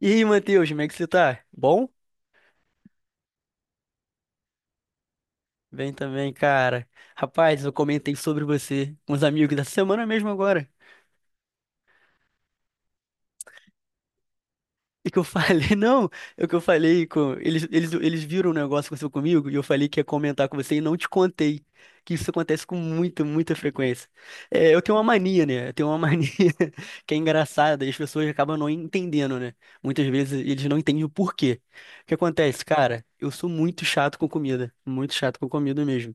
E aí, Matheus, como é que você tá? Bom? Bem também, cara. Rapaz, eu comentei sobre você com os amigos da semana mesmo agora. E que eu falei, não, é o que eu falei com. Eles viram um negócio que aconteceu comigo e eu falei que ia comentar com você e não te contei. Que isso acontece com muita frequência. É, eu tenho uma mania, né? Eu tenho uma mania que é engraçada e as pessoas acabam não entendendo, né? Muitas vezes eles não entendem o porquê. O que acontece, cara? Eu sou muito chato com comida. Muito chato com comida mesmo.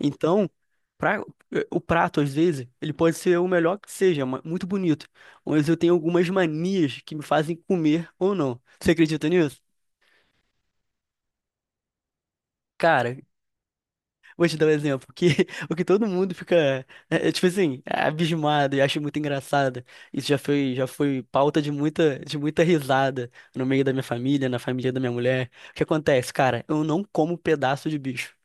Então, pra- o prato, às vezes, ele pode ser o melhor que seja, muito bonito. Mas eu tenho algumas manias que me fazem comer ou não. Você acredita nisso? Cara, vou te dar um exemplo, que o que todo mundo fica, tipo assim, é abismado e acha muito engraçado. Já foi pauta de de muita risada no meio da minha família, na família da minha mulher. O que acontece, cara? Eu não como pedaço de bicho.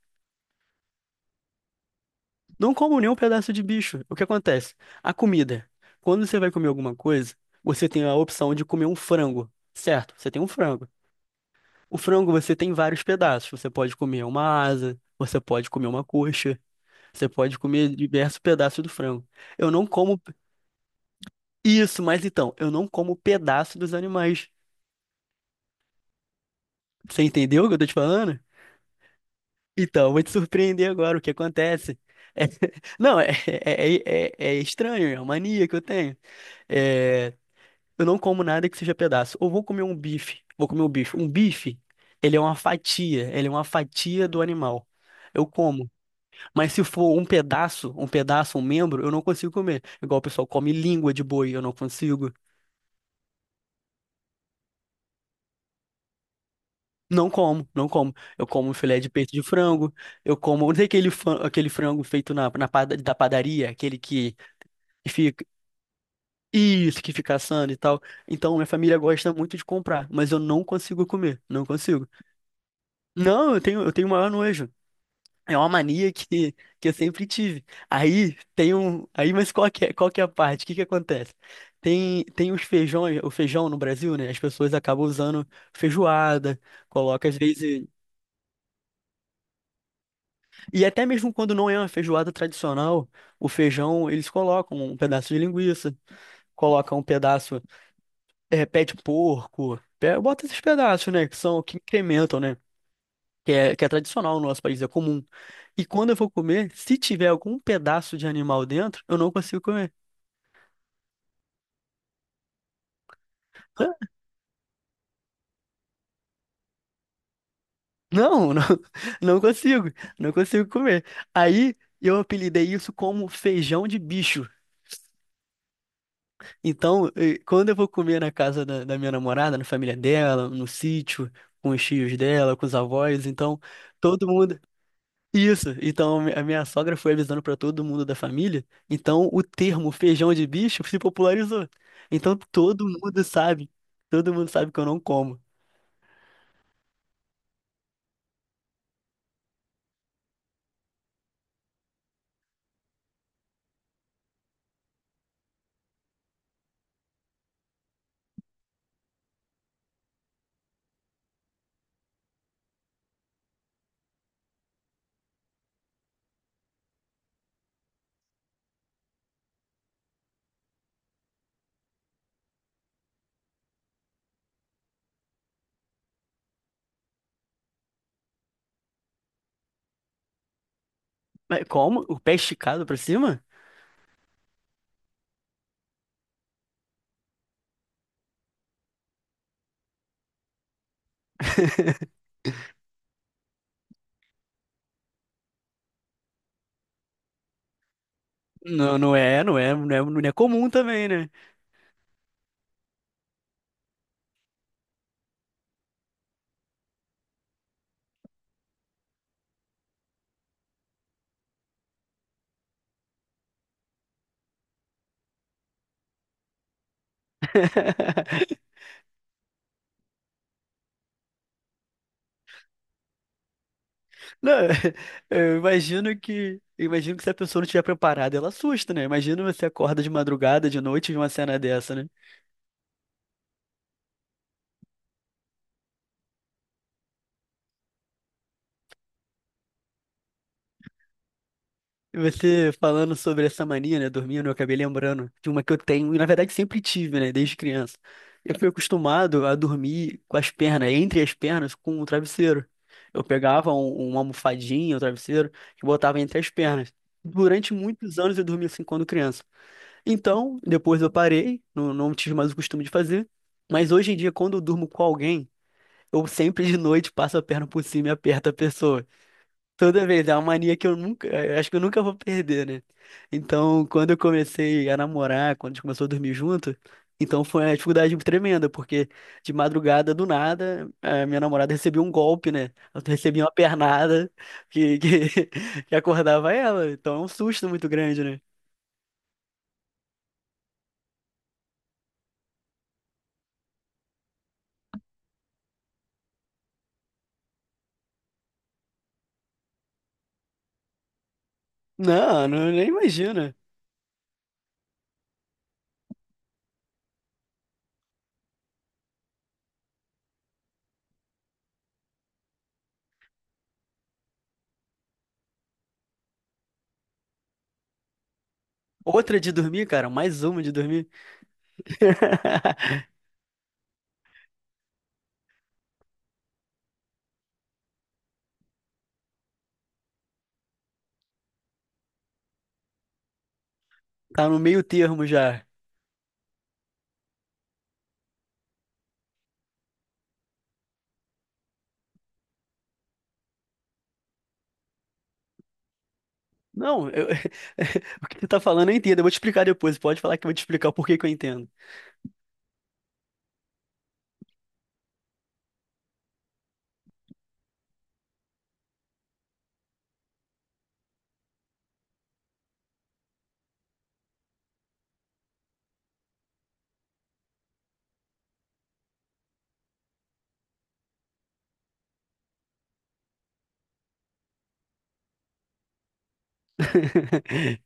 Não como nenhum pedaço de bicho. O que acontece? A comida. Quando você vai comer alguma coisa, você tem a opção de comer um frango, certo? Você tem um frango. O frango você tem vários pedaços. Você pode comer uma asa, você pode comer uma coxa, você pode comer diversos pedaços do frango. Eu não como isso, mas então, eu não como pedaço dos animais. Você entendeu o que eu tô te falando? Então, eu vou te surpreender agora. O que acontece? É- Não, é estranho, é uma mania que eu tenho. É, Eu não como nada que seja pedaço. Ou vou comer um bife. Vou comer um bife. Um bife, ele é uma fatia. Ele é uma fatia do animal. Eu como. Mas se for um pedaço, um pedaço, um membro, eu não consigo comer. Igual o pessoal come língua de boi, eu não consigo. Não como, não como. Eu como filé de peito de frango. Eu como. Não tem aquele, aquele frango feito na, da padaria, aquele que fica. Isso, que fica assando e tal. Então, minha família gosta muito de comprar, mas eu não consigo comer. Não consigo. Não, eu tenho o maior nojo. É uma mania que eu sempre tive. Aí tem um. Aí, mas qual que é a parte? O que que acontece? Tem os feijões, o feijão no Brasil, né? As pessoas acabam usando feijoada, coloca às vezes. E até mesmo quando não é uma feijoada tradicional, o feijão eles colocam um pedaço de linguiça, colocam um pedaço, pé de porco, bota esses pedaços, né? Que são que incrementam, né? Que é tradicional no nosso país, é comum. E quando eu vou comer, se tiver algum pedaço de animal dentro, eu não consigo comer. Hã? Não, não, não consigo, não consigo comer. Aí eu apelidei isso como feijão de bicho. Então, quando eu vou comer na casa da minha namorada, na família dela, no sítio, com os tios dela, com os avós, então todo mundo. Isso, então a minha sogra foi avisando para todo mundo da família, então o termo feijão de bicho se popularizou. Então todo mundo sabe que eu não como. Mas como? O pé esticado pra cima? Não, não é comum também, né? Não, eu imagino que se a pessoa não estiver preparada, ela assusta, né? Imagina você acorda de madrugada, de noite, e vê uma cena dessa, né? Você falando sobre essa mania, né, dormindo, eu acabei lembrando de uma que eu tenho, e na verdade sempre tive, né, desde criança. Eu fui acostumado a dormir com as pernas, entre as pernas, com o travesseiro. Eu pegava uma almofadinha, o travesseiro, e botava entre as pernas. Durante muitos anos eu dormi assim quando criança. Então, depois eu parei, não tive mais o costume de fazer, mas hoje em dia, quando eu durmo com alguém, eu sempre de noite passo a perna por cima e aperto a pessoa. Toda vez, é uma mania que eu nunca, eu acho que eu nunca vou perder, né? Então, quando eu comecei a namorar, quando a gente começou a dormir junto, então foi uma dificuldade tremenda, porque de madrugada, do nada, a minha namorada recebia um golpe, né? Eu recebia uma pernada que, que, que acordava ela. Então é um susto muito grande, né? Não, não, nem imagina. Outra de dormir, cara, mais uma de dormir. Tá no meio termo já. Não, eu- o que você tá falando eu entendo. Eu vou te explicar depois. Pode falar que eu vou te explicar o porquê que eu entendo.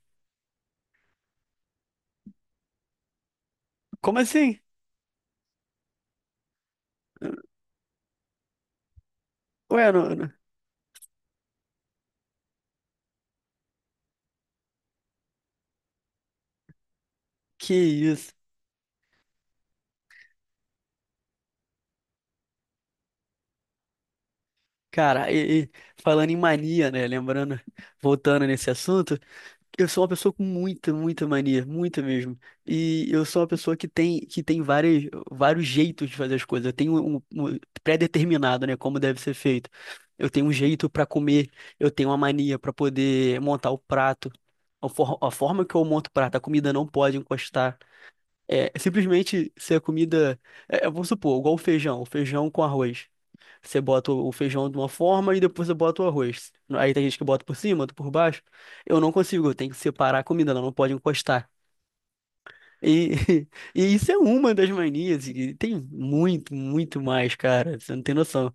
Como assim? Ué, que isso? Cara, falando em mania, né? Lembrando, voltando nesse assunto. Eu sou uma pessoa com muita mania, muita mesmo. E eu sou uma pessoa que tem várias, vários jeitos de fazer as coisas. Eu tenho um pré-determinado, né, como deve ser feito. Eu tenho um jeito para comer, eu tenho uma mania para poder montar o prato. A forma que eu monto o prato, a comida não pode encostar. É simplesmente se a comida, vamos supor, igual o feijão com arroz. Você bota o feijão de uma forma e depois você bota o arroz. Aí tem gente que bota por cima, outro por baixo. Eu não consigo, eu tenho que separar a comida, ela não pode encostar. E, e isso é uma das manias, e tem muito mais, cara, você não tem noção.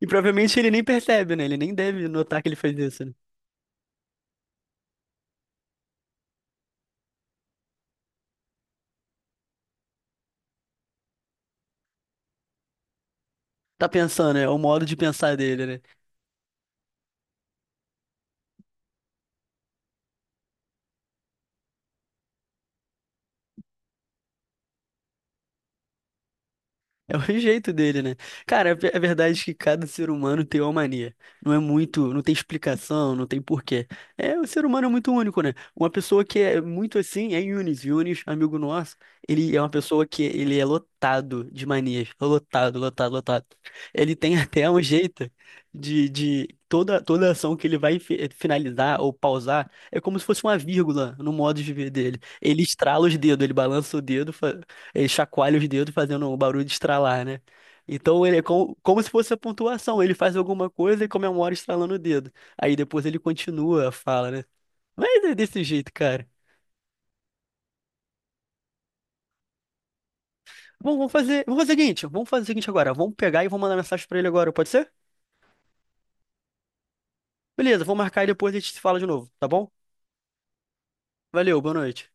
E provavelmente ele nem percebe, né? Ele nem deve notar que ele fez isso, né? Tá pensando, é o modo de pensar dele, né? É o jeito dele, né? Cara, é verdade que cada ser humano tem uma mania. Não é muito, não tem explicação, não tem porquê. É, o ser humano é muito único, né? Uma pessoa que é muito assim é Yunis. Yunis, amigo nosso, ele é uma pessoa que ele é lotado de manias. Lotado, lotado, lotado. Ele tem até um jeito de toda ação que ele vai finalizar ou pausar é como se fosse uma vírgula no modo de ver dele. Ele estrala os dedos, ele balança o dedo, ele chacoalha os dedos fazendo um barulho de estralar, né? Então ele é como, como se fosse a pontuação. Ele faz alguma coisa e comemora estralando o dedo. Aí depois ele continua a fala, né? Mas é desse jeito, cara. Bom, vamos fazer o seguinte, vamos fazer o seguinte agora. Vamos pegar e vou mandar mensagem pra ele agora, pode ser? Beleza, vou marcar e depois a gente se fala de novo, tá bom? Valeu, boa noite.